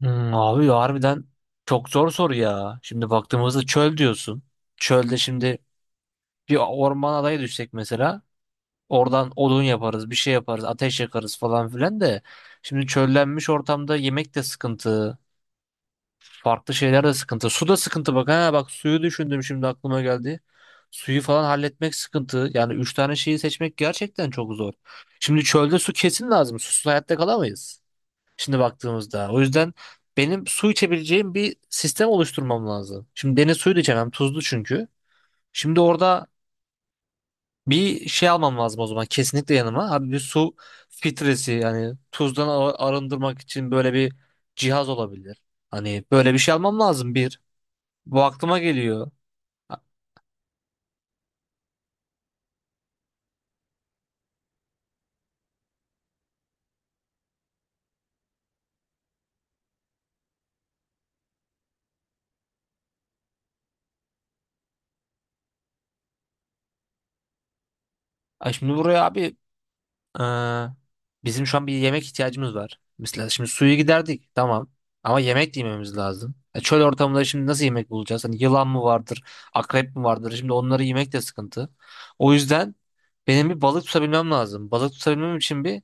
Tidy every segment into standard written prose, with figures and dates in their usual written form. Abi ya harbiden çok zor soru ya. Şimdi baktığımızda çöl diyorsun. Çölde şimdi bir orman adayı düşsek mesela oradan odun yaparız, bir şey yaparız, ateş yakarız falan filan de. Şimdi çöllenmiş ortamda yemek de sıkıntı, farklı şeyler de sıkıntı. Su da sıkıntı, bak ha bak, suyu düşündüm şimdi aklıma geldi. Suyu falan halletmek sıkıntı. Yani üç tane şeyi seçmek gerçekten çok zor. Şimdi çölde su kesin lazım. Susuz hayatta kalamayız. Şimdi baktığımızda. O yüzden benim su içebileceğim bir sistem oluşturmam lazım. Şimdi deniz suyu da içemem. Tuzlu çünkü. Şimdi orada bir şey almam lazım o zaman. Kesinlikle yanıma. Abi bir su filtresi, yani tuzdan arındırmak için böyle bir cihaz olabilir. Hani böyle bir şey almam lazım bir. Bu aklıma geliyor. Ha- Ay şimdi buraya abi. Ee, Bizim şu an bir yemek ihtiyacımız var. Mesela şimdi suyu giderdik tamam ama yemek de yememiz lazım. Çöl ortamında şimdi nasıl yemek bulacağız? Hani yılan mı vardır, akrep mi vardır? Şimdi onları yemek de sıkıntı. O yüzden benim bir balık tutabilmem lazım. Balık tutabilmem için bir,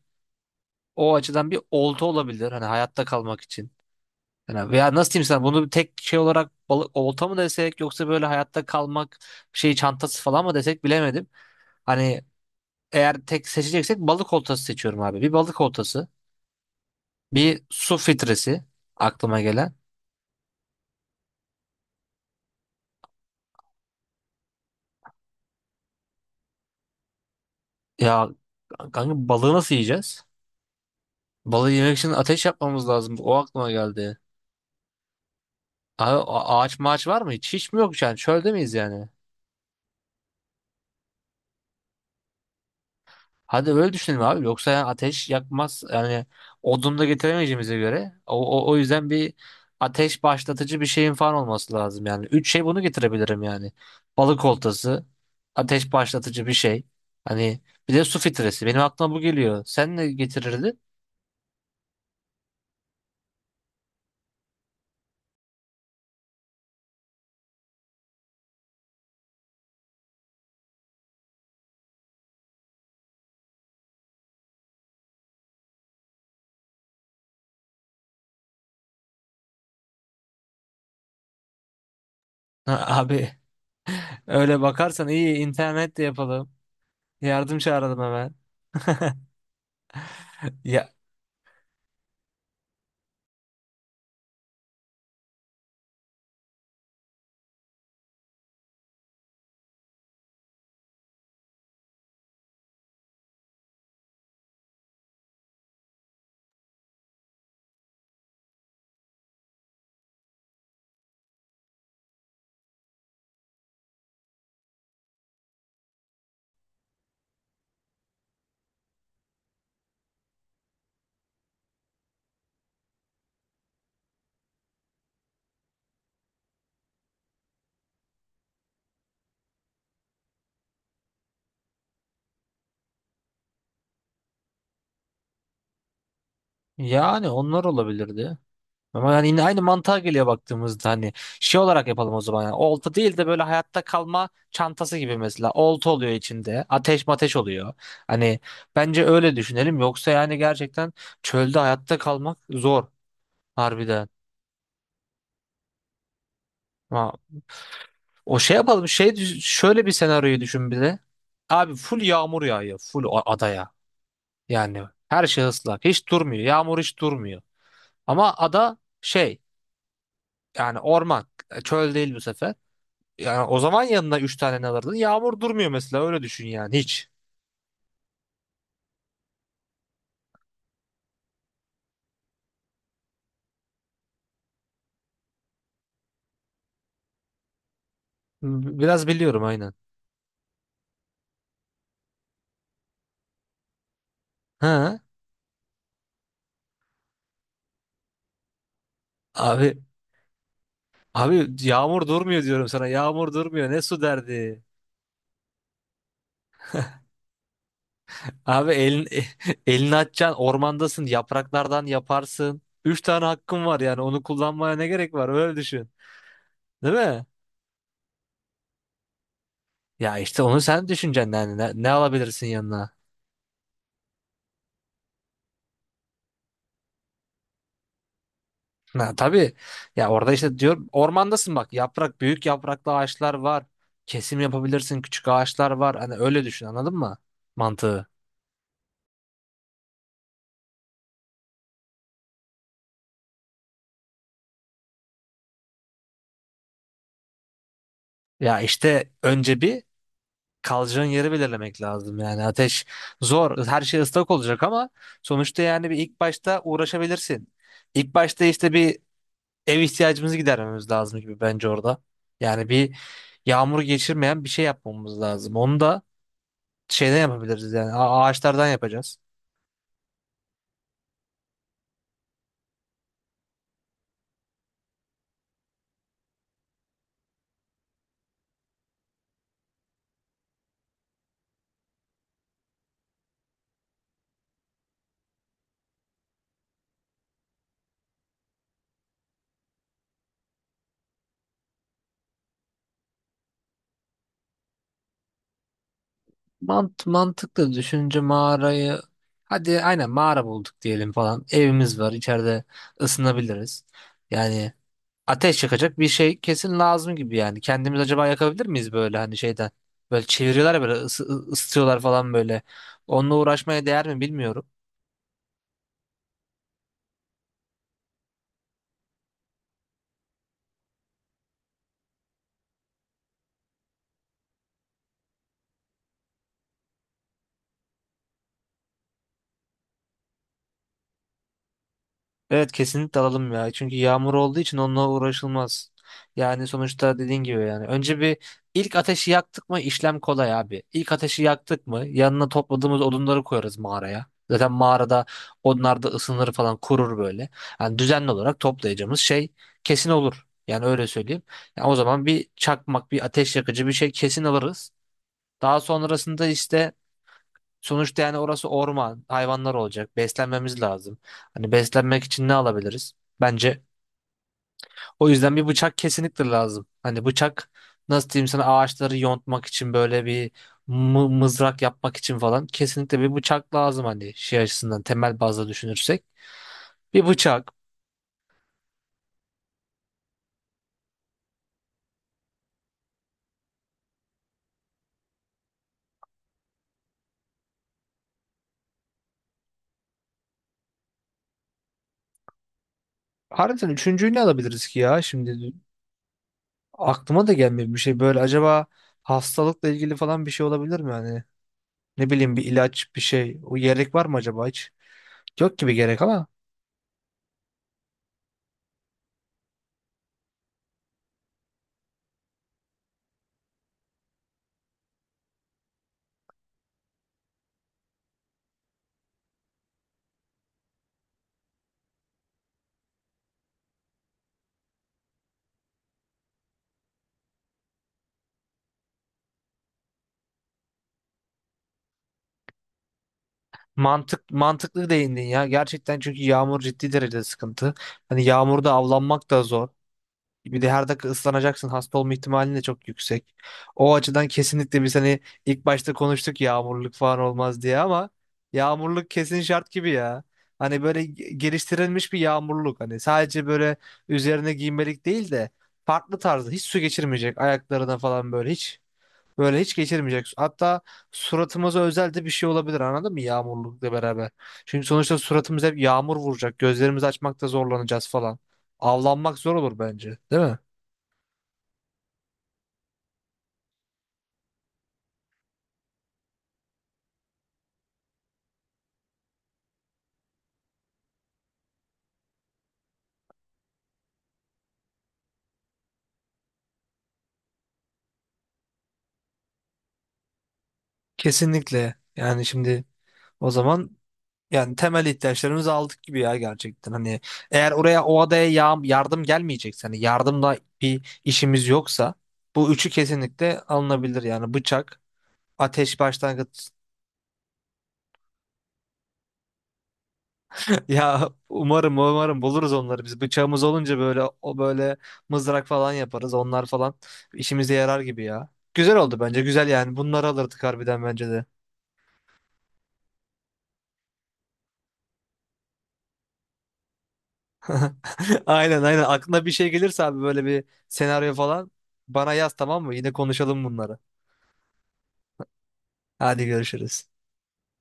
o açıdan bir olta olabilir. Hani hayatta kalmak için. Yani veya nasıl diyeyim sana bunu, bir tek şey olarak balık, olta mı desek yoksa böyle hayatta kalmak şey çantası falan mı desek bilemedim. Hani eğer tek seçeceksek balık oltası seçiyorum abi. Bir balık oltası. Bir su filtresi aklıma gelen. Ya kanka, balığı nasıl yiyeceğiz? Balığı yemek için ateş yapmamız lazım. O aklıma geldi. Abi, ağaç maaç var mı? Hiç, hiç mi yok yani? Çölde miyiz yani? Hadi öyle düşünelim abi. Yoksa yani ateş yakmaz. Yani odun da getiremeyeceğimize göre. O yüzden bir ateş başlatıcı bir şeyin falan olması lazım yani. Üç şey bunu getirebilirim yani. Balık oltası, ateş başlatıcı bir şey. Hani bir de su filtresi. Benim aklıma bu geliyor. Sen ne getirirdin? Ha, Abi, öyle bakarsan iyi internet de yapalım. Yardım çağıralım hemen. Ya yani onlar olabilirdi. Ama yani yine aynı mantığa geliyor baktığımızda. Hani şey olarak yapalım o zaman, yani olta değil de böyle hayatta kalma çantası gibi, mesela olta oluyor içinde, ateş mateş oluyor. Hani bence öyle düşünelim. Yoksa yani gerçekten çölde hayatta kalmak zor harbiden. Ama o şey yapalım, şey şöyle bir senaryoyu düşün bir de. Abi full yağmur yağıyor full adaya. Yani her şey ıslak. Hiç durmuyor. Yağmur hiç durmuyor. Ama ada şey, yani orman. Çöl değil bu sefer. Yani o zaman yanına 3 tane ne alırdın? Yağmur durmuyor mesela, öyle düşün yani hiç. Biraz biliyorum aynen. Ha Abi, abi yağmur durmuyor diyorum sana. Yağmur durmuyor. Ne su derdi? Abi elin, elini açacaksın, ormandasın, yapraklardan yaparsın. 3 tane hakkın var, yani onu kullanmaya ne gerek var, öyle düşün. Değil mi? Ya işte onu sen düşüneceksin, yani ne alabilirsin yanına? Ha, tabii, ya orada işte diyor ormandasın bak, yaprak büyük yapraklı ağaçlar var. Kesim yapabilirsin, küçük ağaçlar var. Hani öyle düşün, anladın mı mantığı? Ya işte önce bir kalacağın yeri belirlemek lazım. Yani ateş zor, her şey ıslak olacak ama sonuçta yani bir ilk başta uğraşabilirsin. İlk başta işte bir ev ihtiyacımızı gidermemiz lazım gibi bence orada. Yani bir yağmur geçirmeyen bir şey yapmamız lazım. Onu da şeyden yapabiliriz, yani ağaçlardan yapacağız. Mantıklı düşünce mağarayı, hadi aynen mağara bulduk diyelim falan. Evimiz var içeride, ısınabiliriz. Yani ateş yakacak bir şey kesin lazım gibi yani. Kendimiz acaba yakabilir miyiz, böyle hani şeyden? Böyle çeviriyorlar ya, böyle ısıtıyorlar falan böyle. Onunla uğraşmaya değer mi bilmiyorum. Evet, kesinlikle alalım ya. Çünkü yağmur olduğu için onunla uğraşılmaz. Yani sonuçta dediğin gibi yani. Önce bir ilk ateşi yaktık mı işlem kolay abi. İlk ateşi yaktık mı yanına topladığımız odunları koyarız mağaraya. Zaten mağarada onlar da ısınır falan, kurur böyle. Yani düzenli olarak toplayacağımız şey kesin olur. Yani öyle söyleyeyim. Yani o zaman bir çakmak, bir ateş yakıcı bir şey kesin alırız. Daha sonrasında işte, sonuçta yani orası orman, hayvanlar olacak. Beslenmemiz lazım. Hani beslenmek için ne alabiliriz? Bence o yüzden bir bıçak kesinlikle lazım. Hani bıçak, nasıl diyeyim sana, ağaçları yontmak için, böyle bir mızrak yapmak için falan kesinlikle bir bıçak lazım, hani şey açısından, temel bazda düşünürsek. Bir bıçak. Harbiden üçüncüyü ne alabiliriz ki ya? Şimdi aklıma da gelmiyor bir şey, böyle acaba hastalıkla ilgili falan bir şey olabilir mi yani? Ne bileyim bir ilaç bir şey. O gerek var mı acaba hiç? Yok gibi gerek ama. Mantıklı değindin ya. Gerçekten, çünkü yağmur ciddi derecede sıkıntı. Hani yağmurda avlanmak da zor. Bir de her dakika ıslanacaksın. Hasta olma ihtimalin de çok yüksek. O açıdan kesinlikle biz hani ilk başta konuştuk yağmurluk falan olmaz diye ama yağmurluk kesin şart gibi ya. Hani böyle geliştirilmiş bir yağmurluk. Hani sadece böyle üzerine giymelik değil de farklı tarzda, hiç su geçirmeyecek, ayaklarına falan böyle hiç, böyle hiç geçirmeyecek. Hatta suratımıza özel de bir şey olabilir, anladın mı, yağmurlukla beraber. Çünkü sonuçta suratımıza hep yağmur vuracak. Gözlerimizi açmakta zorlanacağız falan. Avlanmak zor olur bence, değil mi? Kesinlikle. Yani şimdi o zaman, yani temel ihtiyaçlarımızı aldık gibi ya gerçekten. Hani eğer oraya, o adaya yardım gelmeyecekse, hani yardımla bir işimiz yoksa bu üçü kesinlikle alınabilir. Yani bıçak, ateş başlangıç. Ya umarım, umarım buluruz onları biz. Bıçağımız olunca böyle, o böyle mızrak falan yaparız. Onlar falan işimize yarar gibi ya. Güzel oldu bence. Güzel yani. Bunları alırdık harbiden bence de. Aynen, aynen. Aklına bir şey gelirse abi, böyle bir senaryo falan, bana yaz tamam mı? Yine konuşalım bunları. Hadi görüşürüz.